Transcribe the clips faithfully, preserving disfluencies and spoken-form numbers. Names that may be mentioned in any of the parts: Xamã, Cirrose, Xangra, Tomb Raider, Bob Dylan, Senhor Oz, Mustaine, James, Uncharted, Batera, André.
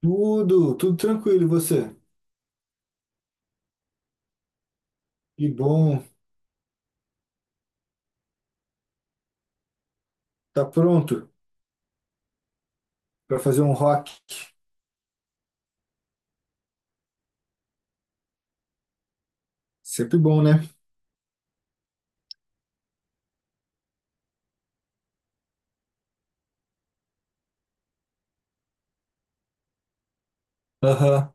Tudo, tudo tranquilo, e você? Que bom. Tá pronto para fazer um rock? Sempre bom, né? Aham.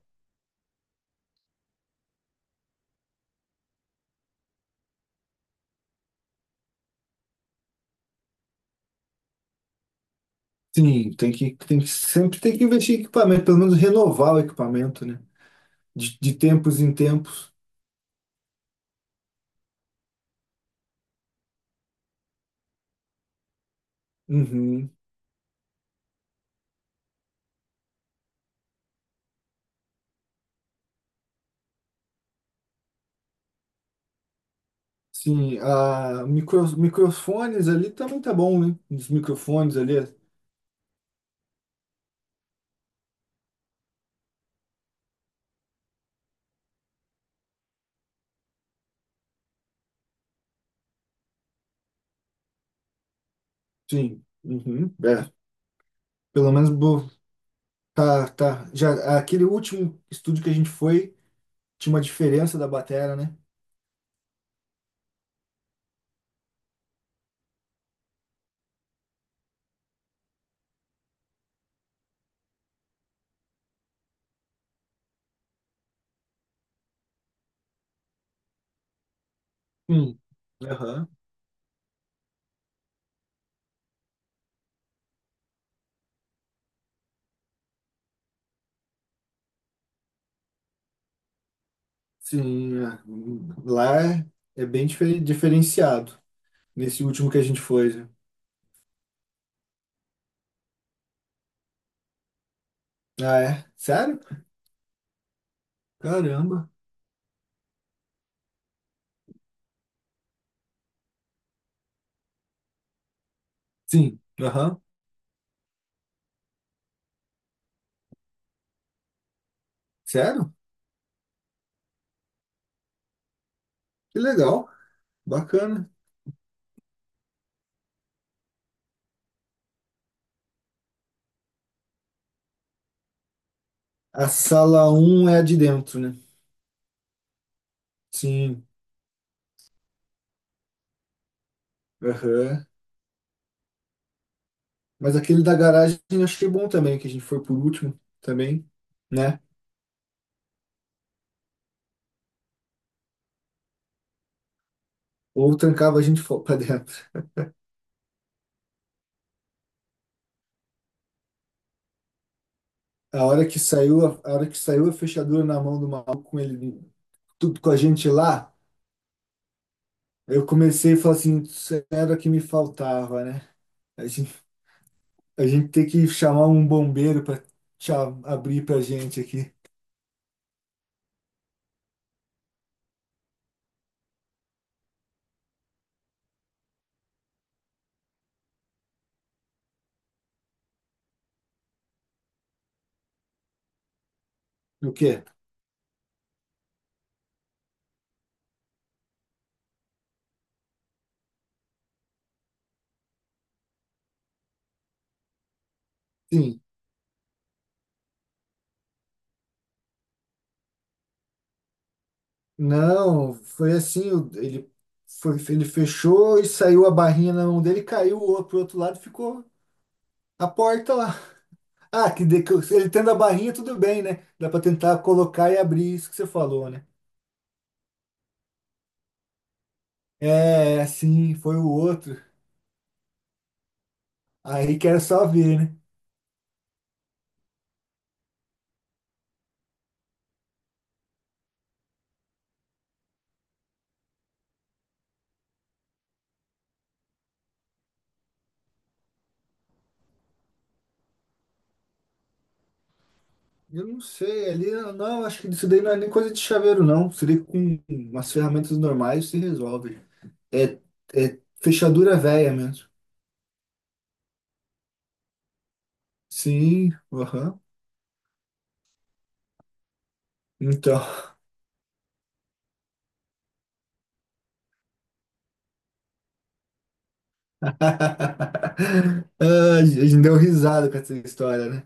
Sim, tem que, tem que sempre tem que investir em equipamento, pelo menos renovar o equipamento, né? De, de tempos em tempos. Uhum. Sim, a micro, microfones ali também tá bom, né? Os microfones ali, sim. Uhum. É, pelo menos bo- tá, tá. Já aquele último estúdio que a gente foi tinha uma diferença da bateria, né? Sim. Aham. Sim, é. Lá é, é bem difer- diferenciado. Nesse último que a gente foi, né? Ah, é? Sério? Caramba. Sim. Aham. Sério? Que legal. Bacana. A sala um é a de dentro, né? Sim. Aham. Mas aquele da garagem eu achei bom também, que a gente foi por último também, né? Ou trancava a gente fo- pra dentro. A hora que saiu, a, a hora que saiu a fechadura na mão do maluco com ele, tudo com a gente lá. Eu comecei a falar assim, isso é era o que me faltava, né? A gente, a gente tem que chamar um bombeiro para abrir para gente aqui. O quê? Sim. Não, foi assim, o- ele foi, ele fechou e saiu a barrinha na mão dele, caiu o outro pro outro lado, e ficou a porta lá. Ah, que de- que ele tendo a barrinha tudo bem, né? Dá para tentar colocar e abrir isso que você falou, né? É, assim, foi o outro. Aí que era só ver, né? Eu não sei, ali não, acho que isso daí não é nem coisa de chaveiro, não. Seria com umas ferramentas normais se resolve. É, é fechadura velha mesmo. Sim, aham. Então. Ah, a gente deu risada com essa história, né?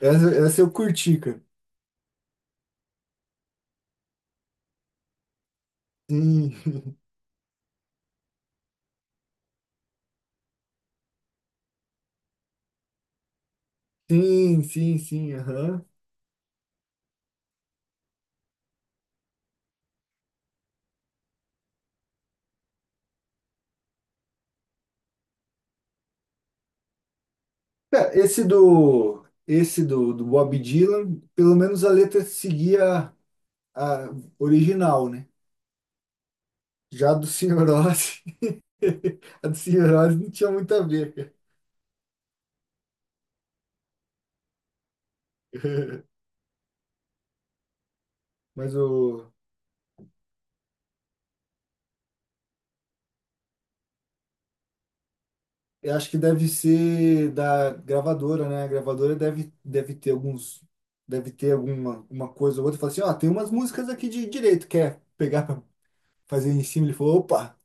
Essa, essa eu curti, cara. Sim, sim, sim, sim, aham. Cara, esse do, esse do, do Bob Dylan, pelo menos a letra seguia a original, né? Já do Senhor Oz. A de Cirrose não tinha muito a ver, cara. Mas o, eu acho que deve ser da gravadora, né? A gravadora deve, deve ter alguns, deve ter alguma uma coisa ou outra. Fala assim, ó, tem umas músicas aqui de direito, quer pegar pra fazer em cima? Ele falou, opa,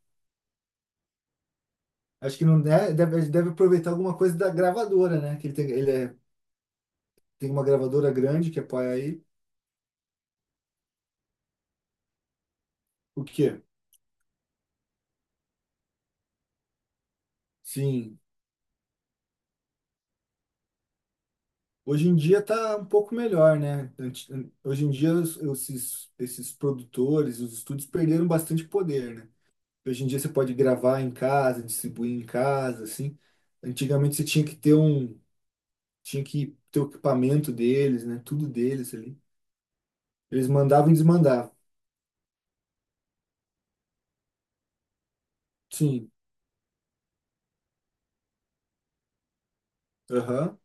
acho que não deve, deve, deve aproveitar alguma coisa da gravadora, né? Que ele tem, ele é, tem uma gravadora grande que apoia aí. O quê? Sim, hoje em dia tá um pouco melhor, né? Anti- Hoje em dia os- esses, esses produtores, os estúdios perderam bastante poder, né? Hoje em dia você pode gravar em casa, distribuir em casa, assim. Antigamente você tinha que ter um, tinha que ter o equipamento deles, né? Tudo deles ali. Eles mandavam e desmandavam. Sim. Aham.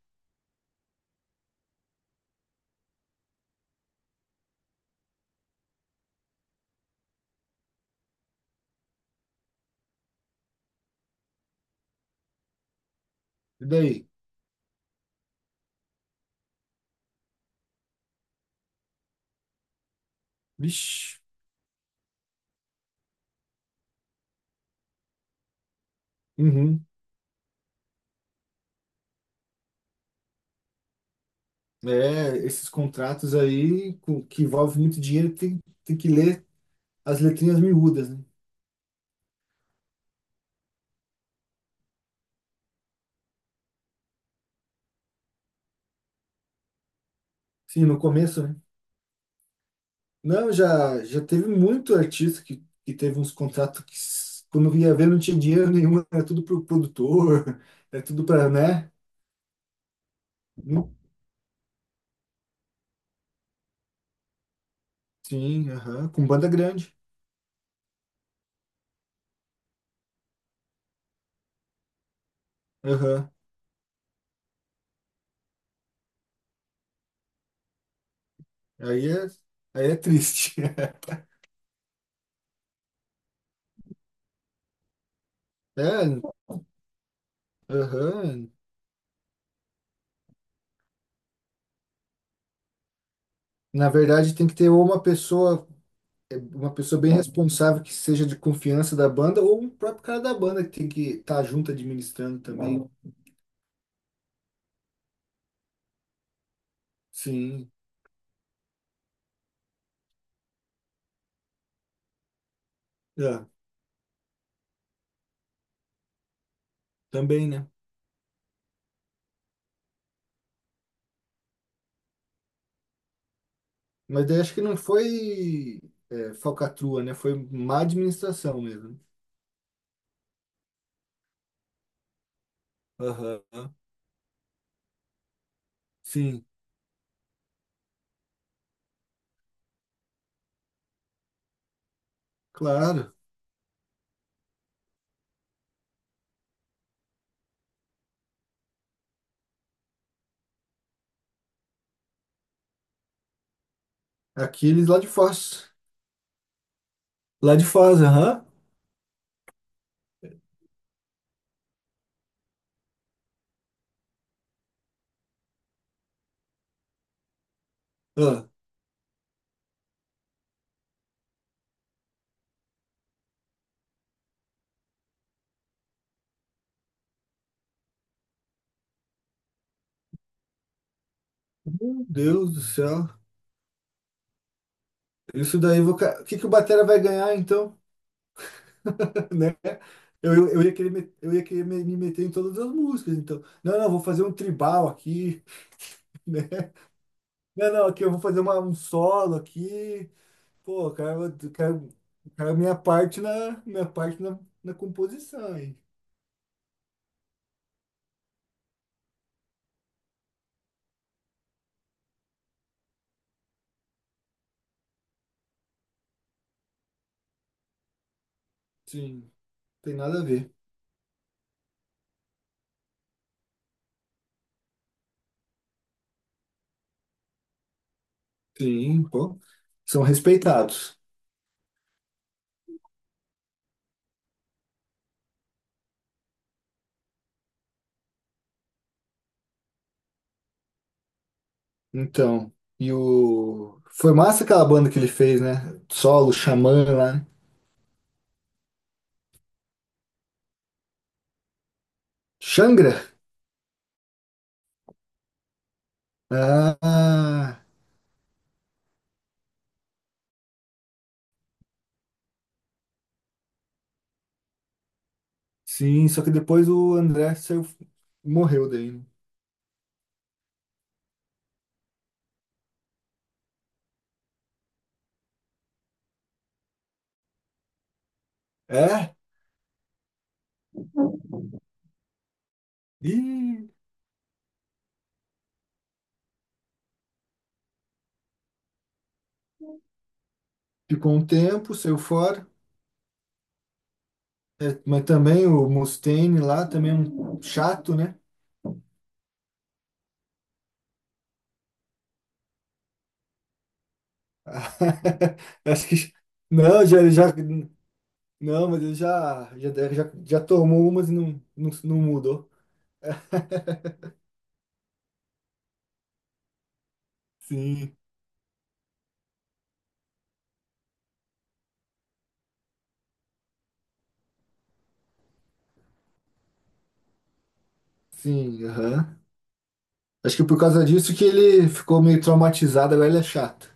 E daí? Vixe. Uhum. É, esses contratos aí com- que envolvem muito dinheiro tem, tem que ler as letrinhas miúdas, né? Sim, no começo, né? Não, já, já teve muito artista que, que teve uns contratos que, s- quando ia ver, não tinha dinheiro nenhum, era tudo pro produtor, era tudo para né? Hum, sim, aham, com banda grande. Aham. Aí é, aí é triste. É, aham. Na verdade, tem que ter ou uma pessoa, é, uma pessoa bem responsável que seja de confiança da banda, ou um próprio cara da banda que tem que estar junto administrando também. Sim, é, também, né? Mas daí acho que não foi é, falcatrua, né? Foi má administração mesmo. Aham. Sim. Claro. Aqueles lá de Foz. Lá de Foz, aham. Ah, meu Deus do céu. Isso daí, vou... ca- o que que o Batera vai ganhar, então? Né? Eu, eu, eu ia querer, me, eu ia querer me, me meter em todas as músicas, então. Não, não, vou fazer um tribal aqui, né? Não, não, aqui eu vou fazer uma, um solo aqui. Pô, eu quero, eu quero, eu quero minha parte na, minha parte na, na composição, hein? Sim, tem nada a ver. Sim, pô. São respeitados. Então, e o. Foi massa aquela banda que ele fez, né? Solo, Xamã lá, né? Xangra? Ah, sim, só que depois o André saiu, morreu daí, né? É? Ih, ficou um tempo, saiu fora. É, mas também o Mustaine lá, também é um chato, né? Acho que não, já, ele já não, mas ele já já já, já tomou umas e não, não, não mudou. Sim, sim, aham. Acho que por causa disso que ele ficou meio traumatizado, agora ele é chato.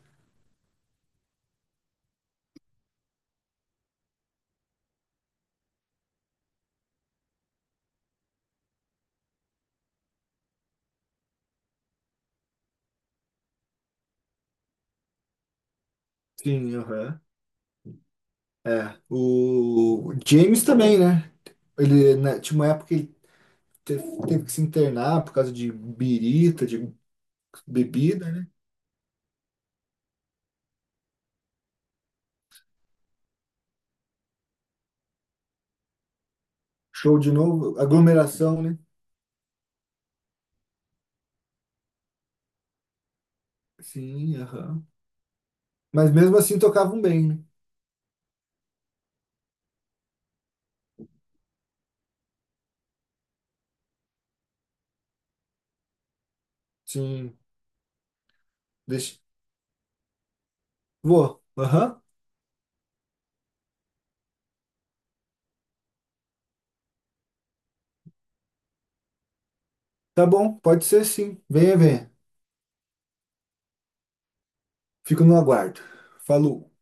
Sim, aham. É, o James também, né? Ele né, tinha uma época que ele teve, teve que se internar por causa de birita, de bebida, né? Show de novo, aglomeração, né? Sim, aham. Mas mesmo assim tocavam bem, né? Sim. Deixa- vou. Aham. Tá bom, pode ser sim. Venha, venha. Fico no aguardo. Falou.